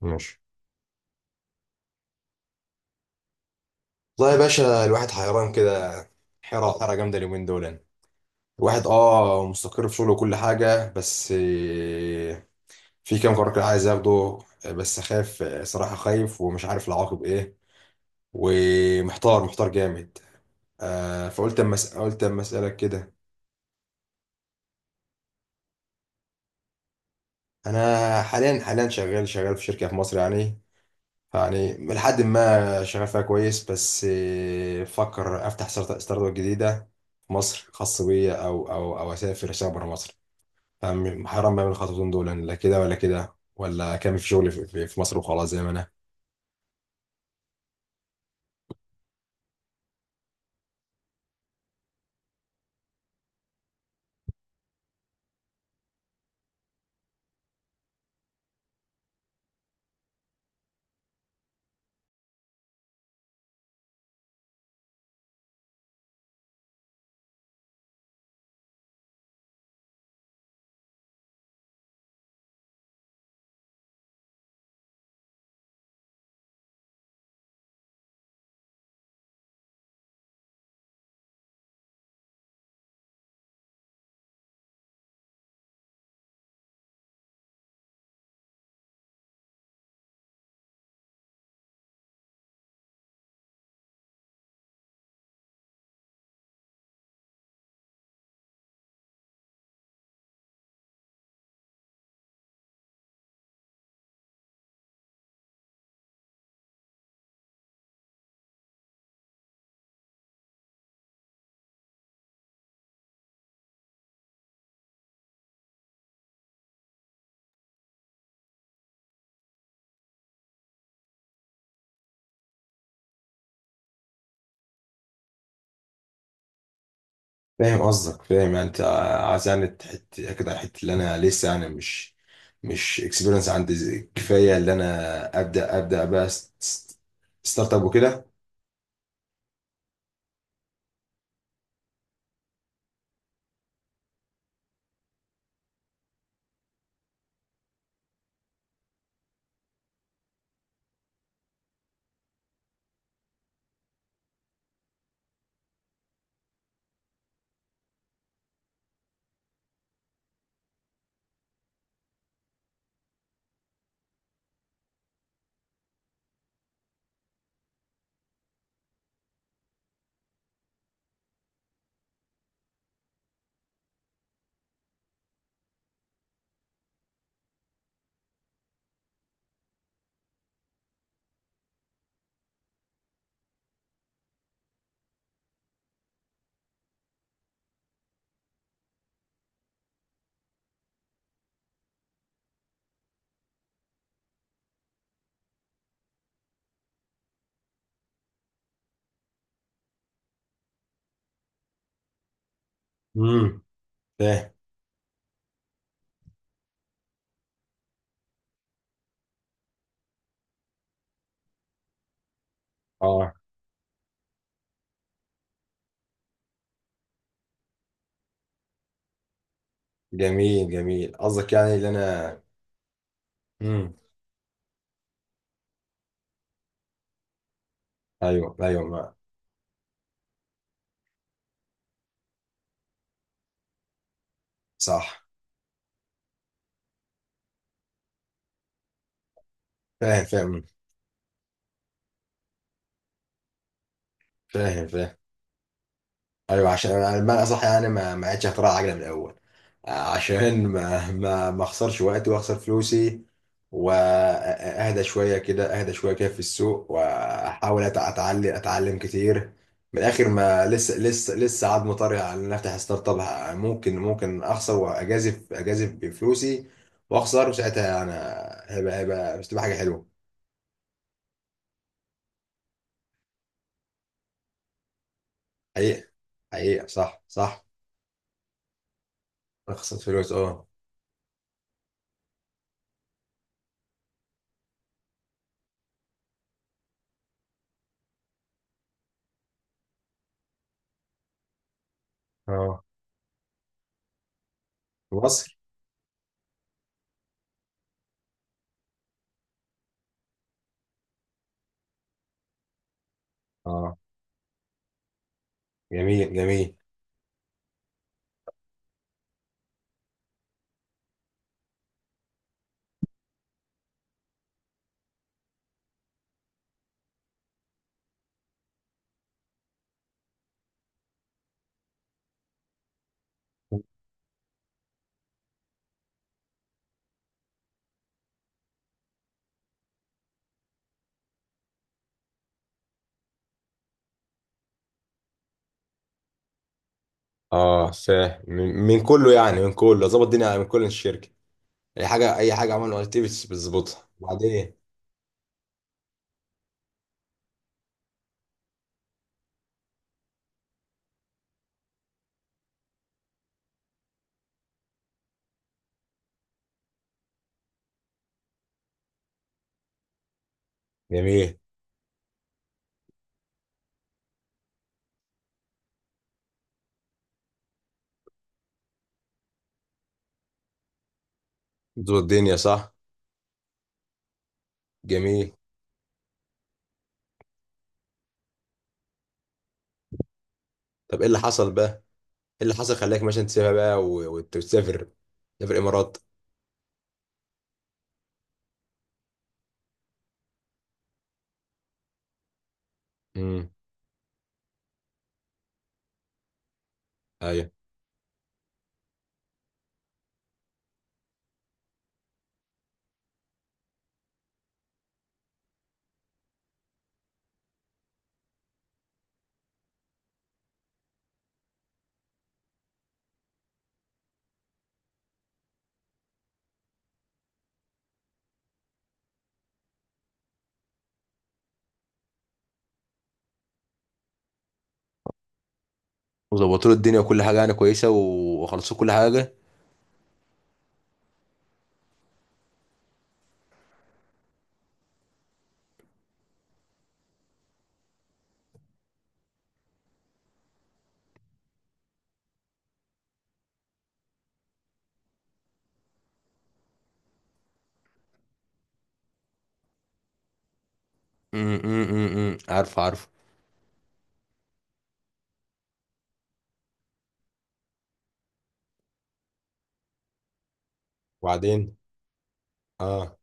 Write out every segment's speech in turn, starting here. ماشي. والله يا باشا الواحد حيران كده، حيرة حيرة جامدة اليومين دول يعني. الواحد مستقر في شغله وكل حاجة، بس في كام قرار كده عايز اخده. بس خايف، صراحة خايف ومش عارف العواقب ايه، ومحتار محتار جامد. فقلت اما قلت اما اسألك كده. انا حاليا شغال في شركة في مصر، يعني لحد ما شغال فيها كويس، بس بفكر افتح ستارت اب جديدة في مصر خاص بيا، او او اسافر اشتغل بره مصر. فاهم؟ حرام بعمل الخطوتين دول يعني، لا كده ولا كده، ولا كامل في شغلي في مصر وخلاص زي ما انا. فاهم قصدك، فاهم يعني انت عايز يعني تحت كده الحته اللي انا لسه يعني مش اكسبيرينس عندي كفايه، اللي انا ابدا بقى ستارت اب وكده. امم، فاهم. اه، جميل جميل قصدك يعني اللي انا. امم. ايوه ايوه، ما صح. فاهم فاهم. فاهم فاهم. ايوه، عشان انا بمعنى اصح يعني ما عادش اختراع عجله من الاول، عشان ما اخسرش وقتي واخسر فلوسي، واهدى شويه كده اهدى شويه كده في السوق، واحاول اتعلم كتير. من الاخر، ما لسه عاد مطري على ان افتح ستارت اب. ممكن اخسر واجازف، بفلوسي واخسر، وساعتها انا هيبقى بس تبقى حاجه حلوه. حقيقه، حقيقه صح، صح. اخسر فلوس، اه. اه. مصر. اه. جميل جميل. اه، فاهم. من كله يعني، من كله ظبط الدنيا، من كل الشركه. اي حاجه اي حاجه عملوا اكتيفيتيز بتظبطها وبعدين. جميل. ظبط الدنيا صح. جميل. طب ايه اللي حصل بقى، ايه اللي حصل خلاك مثلا تسيبها بقى وتسافر؟ تسافر الامارات. امم. ايوه. وظبطوا له الدنيا وكل حاجه يعني كويسه وخلصوا كل حاجه. امم، امم، امم، أمم. عارف عارف. وبعدين. اه.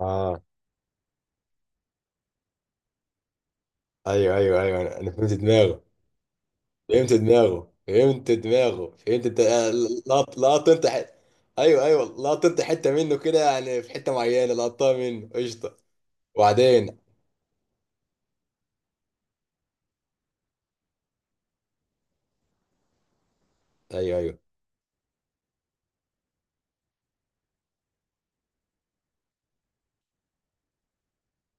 اه. ايوه ايوه ايوه، انا فهمت دماغك. فهمت دماغه، فهمت دماغه، فهمت انت. لقط لقط انت ايوه ايوه، لقط انت حته منه كده يعني، في حته معينه لقطتها منه قشطه. وبعدين. ايوه ايوه.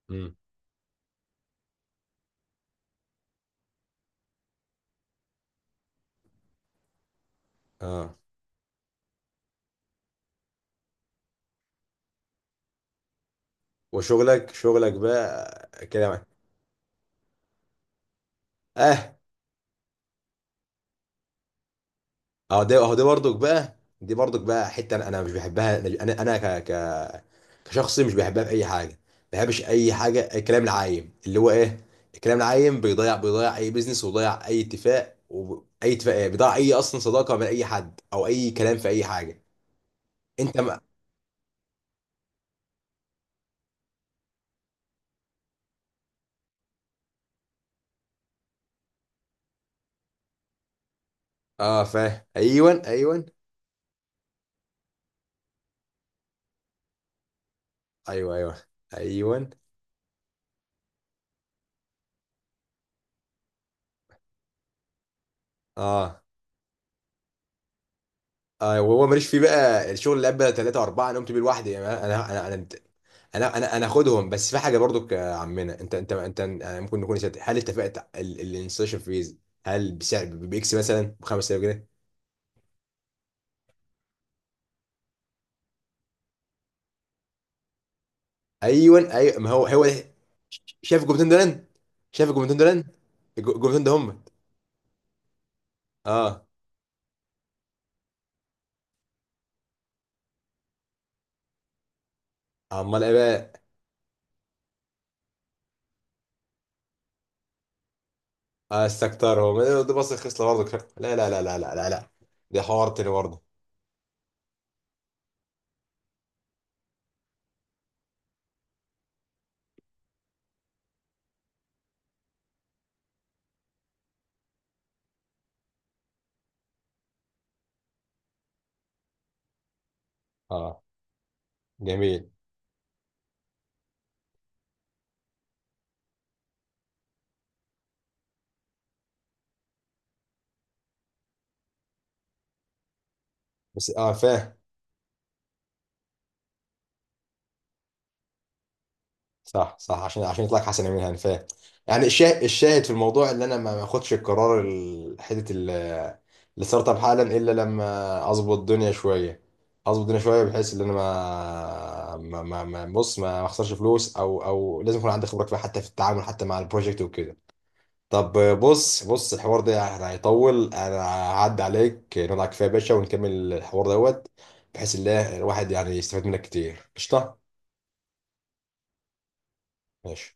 امم. اه. وشغلك، شغلك بقى. كده اه. اهو ده، اهو ده برضك بقى، دي برضك بقى حته انا مش بحبها، انا كشخص مش بحبها في اي حاجه. ما بحبش اي حاجه الكلام العايم اللي هو ايه. الكلام العايم بيضيع اي بيزنس، وبيضيع اي اتفاق، واي اتفاق ايه، بيضيع اي اصلا صداقه من اي حد، او اي كلام في اي حاجه. انت ما. اه، فاهم. ايوه ايوه ايوه. ايوه ايوه. اه. آه، وهو ماليش فيه بقى. الشغل اللي قبل ثلاثة أربعة أنا قمت بيه لوحدي يعني. أنا أخدهم. بس في حاجة برضو يا عمنا، أنت ممكن نكون نسيت، هل اتفقت الانستشن فيز، هل بسعر بإكس مثلا ب 5000 جنيه؟ أيوه أيوه، ما هو ده. شايف الجملتين دول، شايف الجملتين دول، الجملتين ده هم. أه. أمال إيه بقى؟ استكترهم دي. بص، الخصلة برضو، لا لا لا لا لا لا لا، ده حوار تاني برضو. أه. جميل. بس أه، فاهم. صح صح، عشان يطلع لك حسن من هان، فاهم يعني. الشاهد، في الموضوع، اللي انا ما اخدش القرار حته الستارت اب حالا، الا لما اظبط الدنيا شويه، اظبط الدنيا شويه، بحيث ان انا بص ما اخسرش فلوس، او لازم يكون عندي خبره كفايه حتى في التعامل حتى مع البروجكت وكده. طب، بص بص. الحوار ده يعني هيطول. انا هعدي عليك نقعد على كفايه يا باشا ونكمل الحوار دوت، بحيث ان الواحد يعني يستفاد منك كتير، قشطه. ماشي.